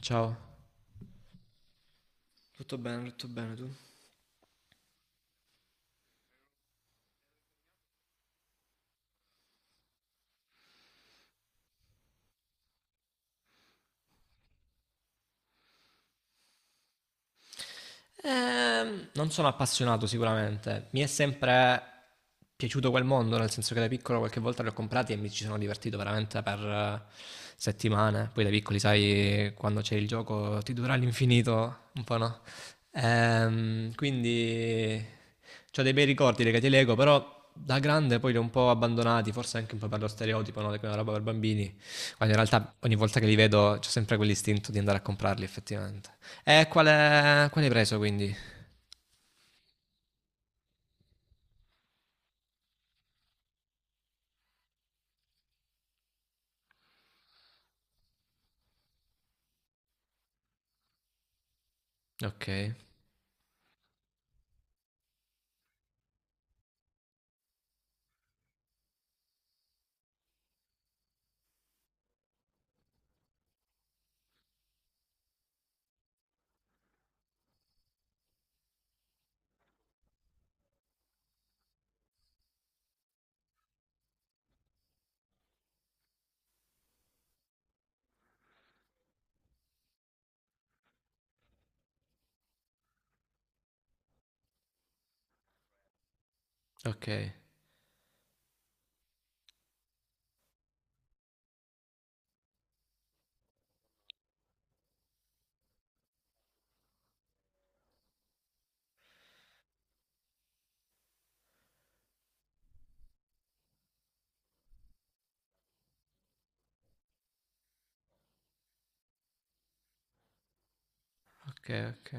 Ciao. Non sono appassionato sicuramente, mi è sempre piaciuto quel mondo, nel senso che da piccolo qualche volta li ho comprati e mi ci sono divertito veramente per settimane. Poi da piccoli, sai, quando c'è il gioco ti dura all'infinito, un po' no. Quindi ho dei bei ricordi legati ai Lego, però da grande poi li ho un po' abbandonati, forse anche un po' per lo stereotipo, no? Che è una roba per bambini, quando in realtà ogni volta che li vedo c'ho sempre quell'istinto di andare a comprarli effettivamente. E qual hai preso quindi? Ok, ok, ok, ok.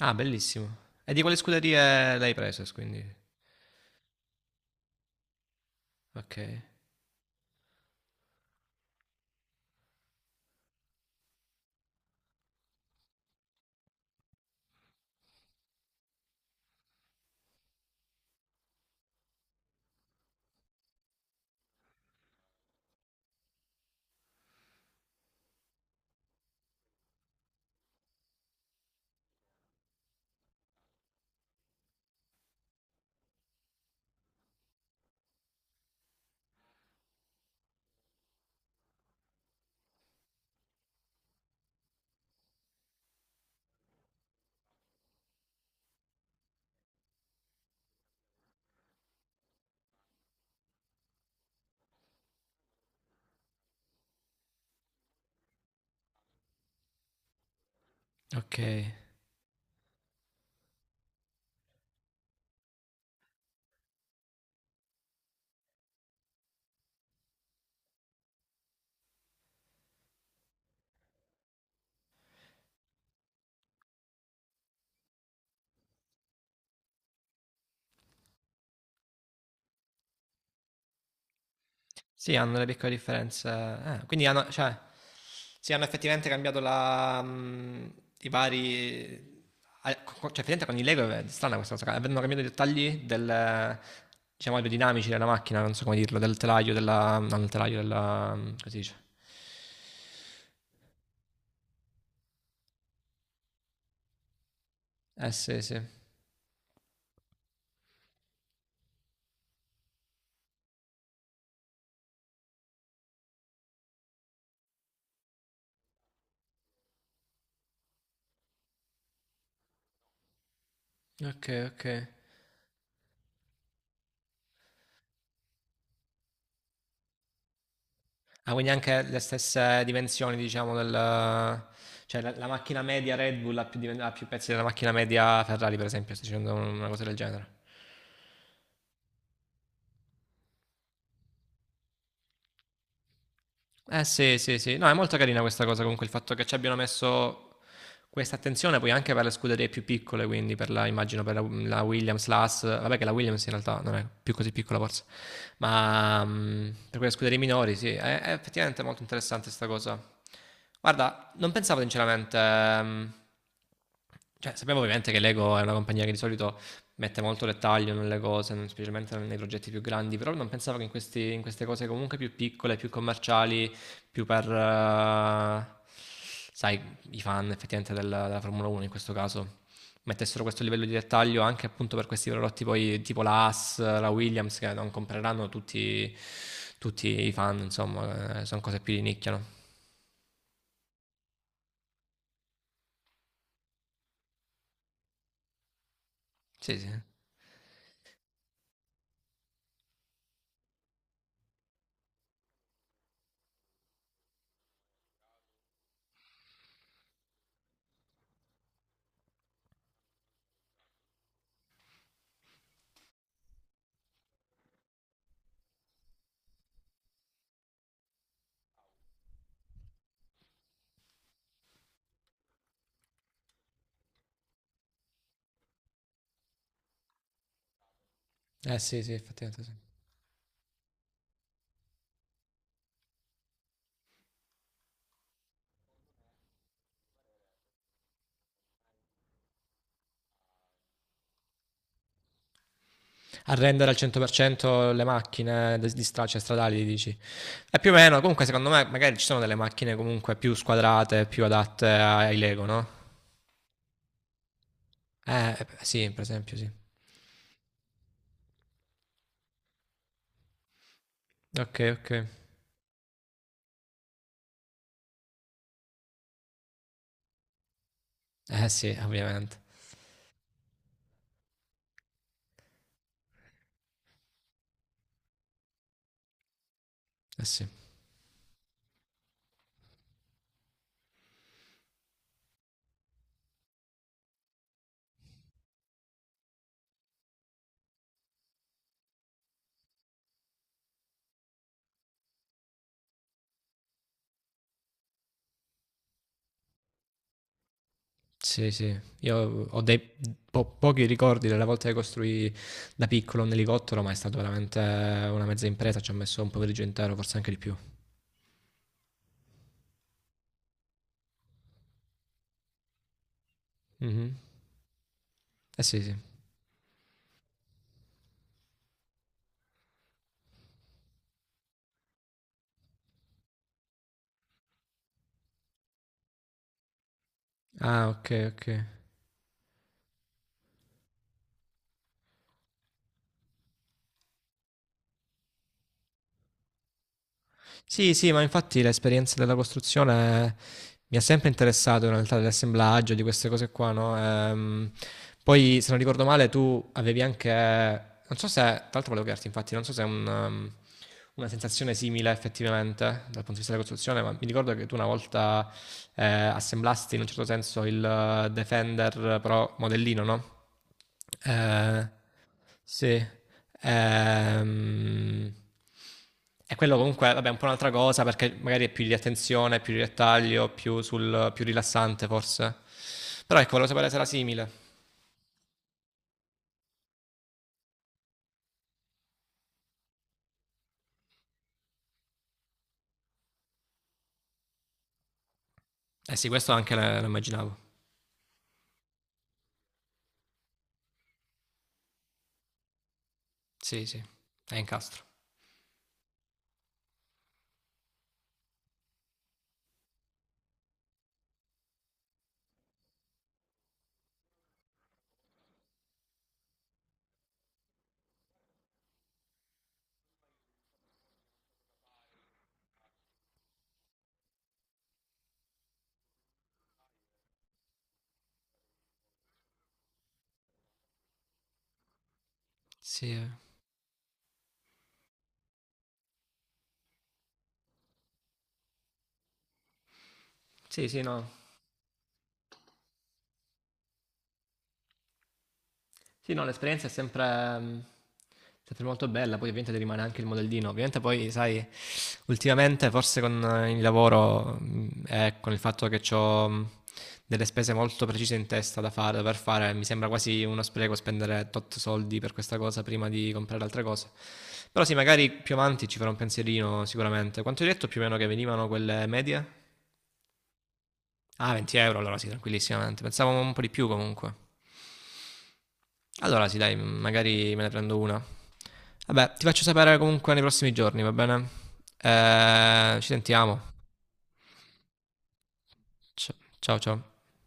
Ah, bellissimo. E di quale scuderie l'hai preso quindi? Ok, ok. Sì, hanno le piccole differenze. Ah, quindi hanno, cioè, sì, hanno effettivamente cambiato i vari... ah, cioè, effettivamente con i Lego è strana questa cosa. Avevano cambiato i dettagli del, diciamo, aerodinamici della macchina, non so come dirlo, del telaio, della... non del telaio, della... come si dice? Eh sì, sì. Ok, ok. Ah, quindi anche le stesse dimensioni, diciamo, del... Cioè la macchina media Red Bull ha più pezzi della macchina media Ferrari, per esempio, sto dicendo una cosa del genere. Eh sì, sì, sì. No, è molto carina questa cosa comunque, il fatto che ci abbiano messo questa attenzione poi anche per le scuderie più piccole, quindi per la Williams, la Haas, vabbè che la Williams in realtà non è più così piccola forse, ma per quelle scuderie minori sì, è effettivamente molto interessante questa cosa. Guarda, non pensavo sinceramente. Cioè, sappiamo ovviamente che Lego è una compagnia che di solito mette molto dettaglio nelle cose, specialmente nei progetti più grandi, però non pensavo che in queste cose comunque più piccole, più commerciali, più per, sai, i fan effettivamente della, della Formula 1 in questo caso mettessero questo livello di dettaglio anche appunto per questi prodotti poi tipo la Haas, la Williams che non compreranno tutti i fan, insomma, sono cose più di nicchia, no? Sì, sì. Eh sì, sì, effettivamente sì. A rendere al 100% le macchine di cioè stradali, dici. E più o meno, comunque secondo me magari ci sono delle macchine comunque più squadrate, più adatte ai Lego, no? Sì, per esempio, sì. Ok, ok. Eh sì, ovviamente. Eh sì. Sì, sì. Io ho dei pochi ricordi delle volte che costruì da piccolo un elicottero, ma è stata veramente una mezza impresa. Ci ho messo un pomeriggio intero, forse anche di più. Mhm. Eh sì, sì. Ah, ok, ok. Sì, sì, ma infatti l'esperienza della costruzione mi ha sempre interessato in realtà dell'assemblaggio, di queste cose qua, no? Poi, se non ricordo male, tu avevi anche, non so se, tra l'altro volevo chiederti, infatti, non so se è una sensazione simile effettivamente dal punto di vista della costruzione, ma mi ricordo che tu una volta assemblasti in un certo senso il Defender però modellino, no? Eh, sì. Ehm, e quello comunque, vabbè, è un po' un'altra cosa perché magari è più di attenzione, più di dettaglio, più, sul, più rilassante forse. Però ecco, volevo sapere se era simile. Eh sì, questo anche lo immaginavo. Sì, sì, è incastro. Sì, eh. Sì, sì, no. Sì, no, l'esperienza è sempre, mh, sempre molto bella, poi ovviamente ti rimane anche il modellino. Ovviamente poi, sai, ultimamente forse con il lavoro e con il fatto che ho delle spese molto precise in testa da fare, da dover fare, mi sembra quasi uno spreco spendere tot soldi per questa cosa prima di comprare altre cose. Però sì, magari più avanti ci farò un pensierino sicuramente. Quanto hai detto più o meno che venivano quelle medie? Ah, 20 euro, allora sì, tranquillissimamente. Pensavo un po' di più comunque. Allora sì, dai, magari me ne prendo una. Vabbè, ti faccio sapere comunque nei prossimi giorni, va bene? Ci sentiamo. Ciao ciao. Ciao.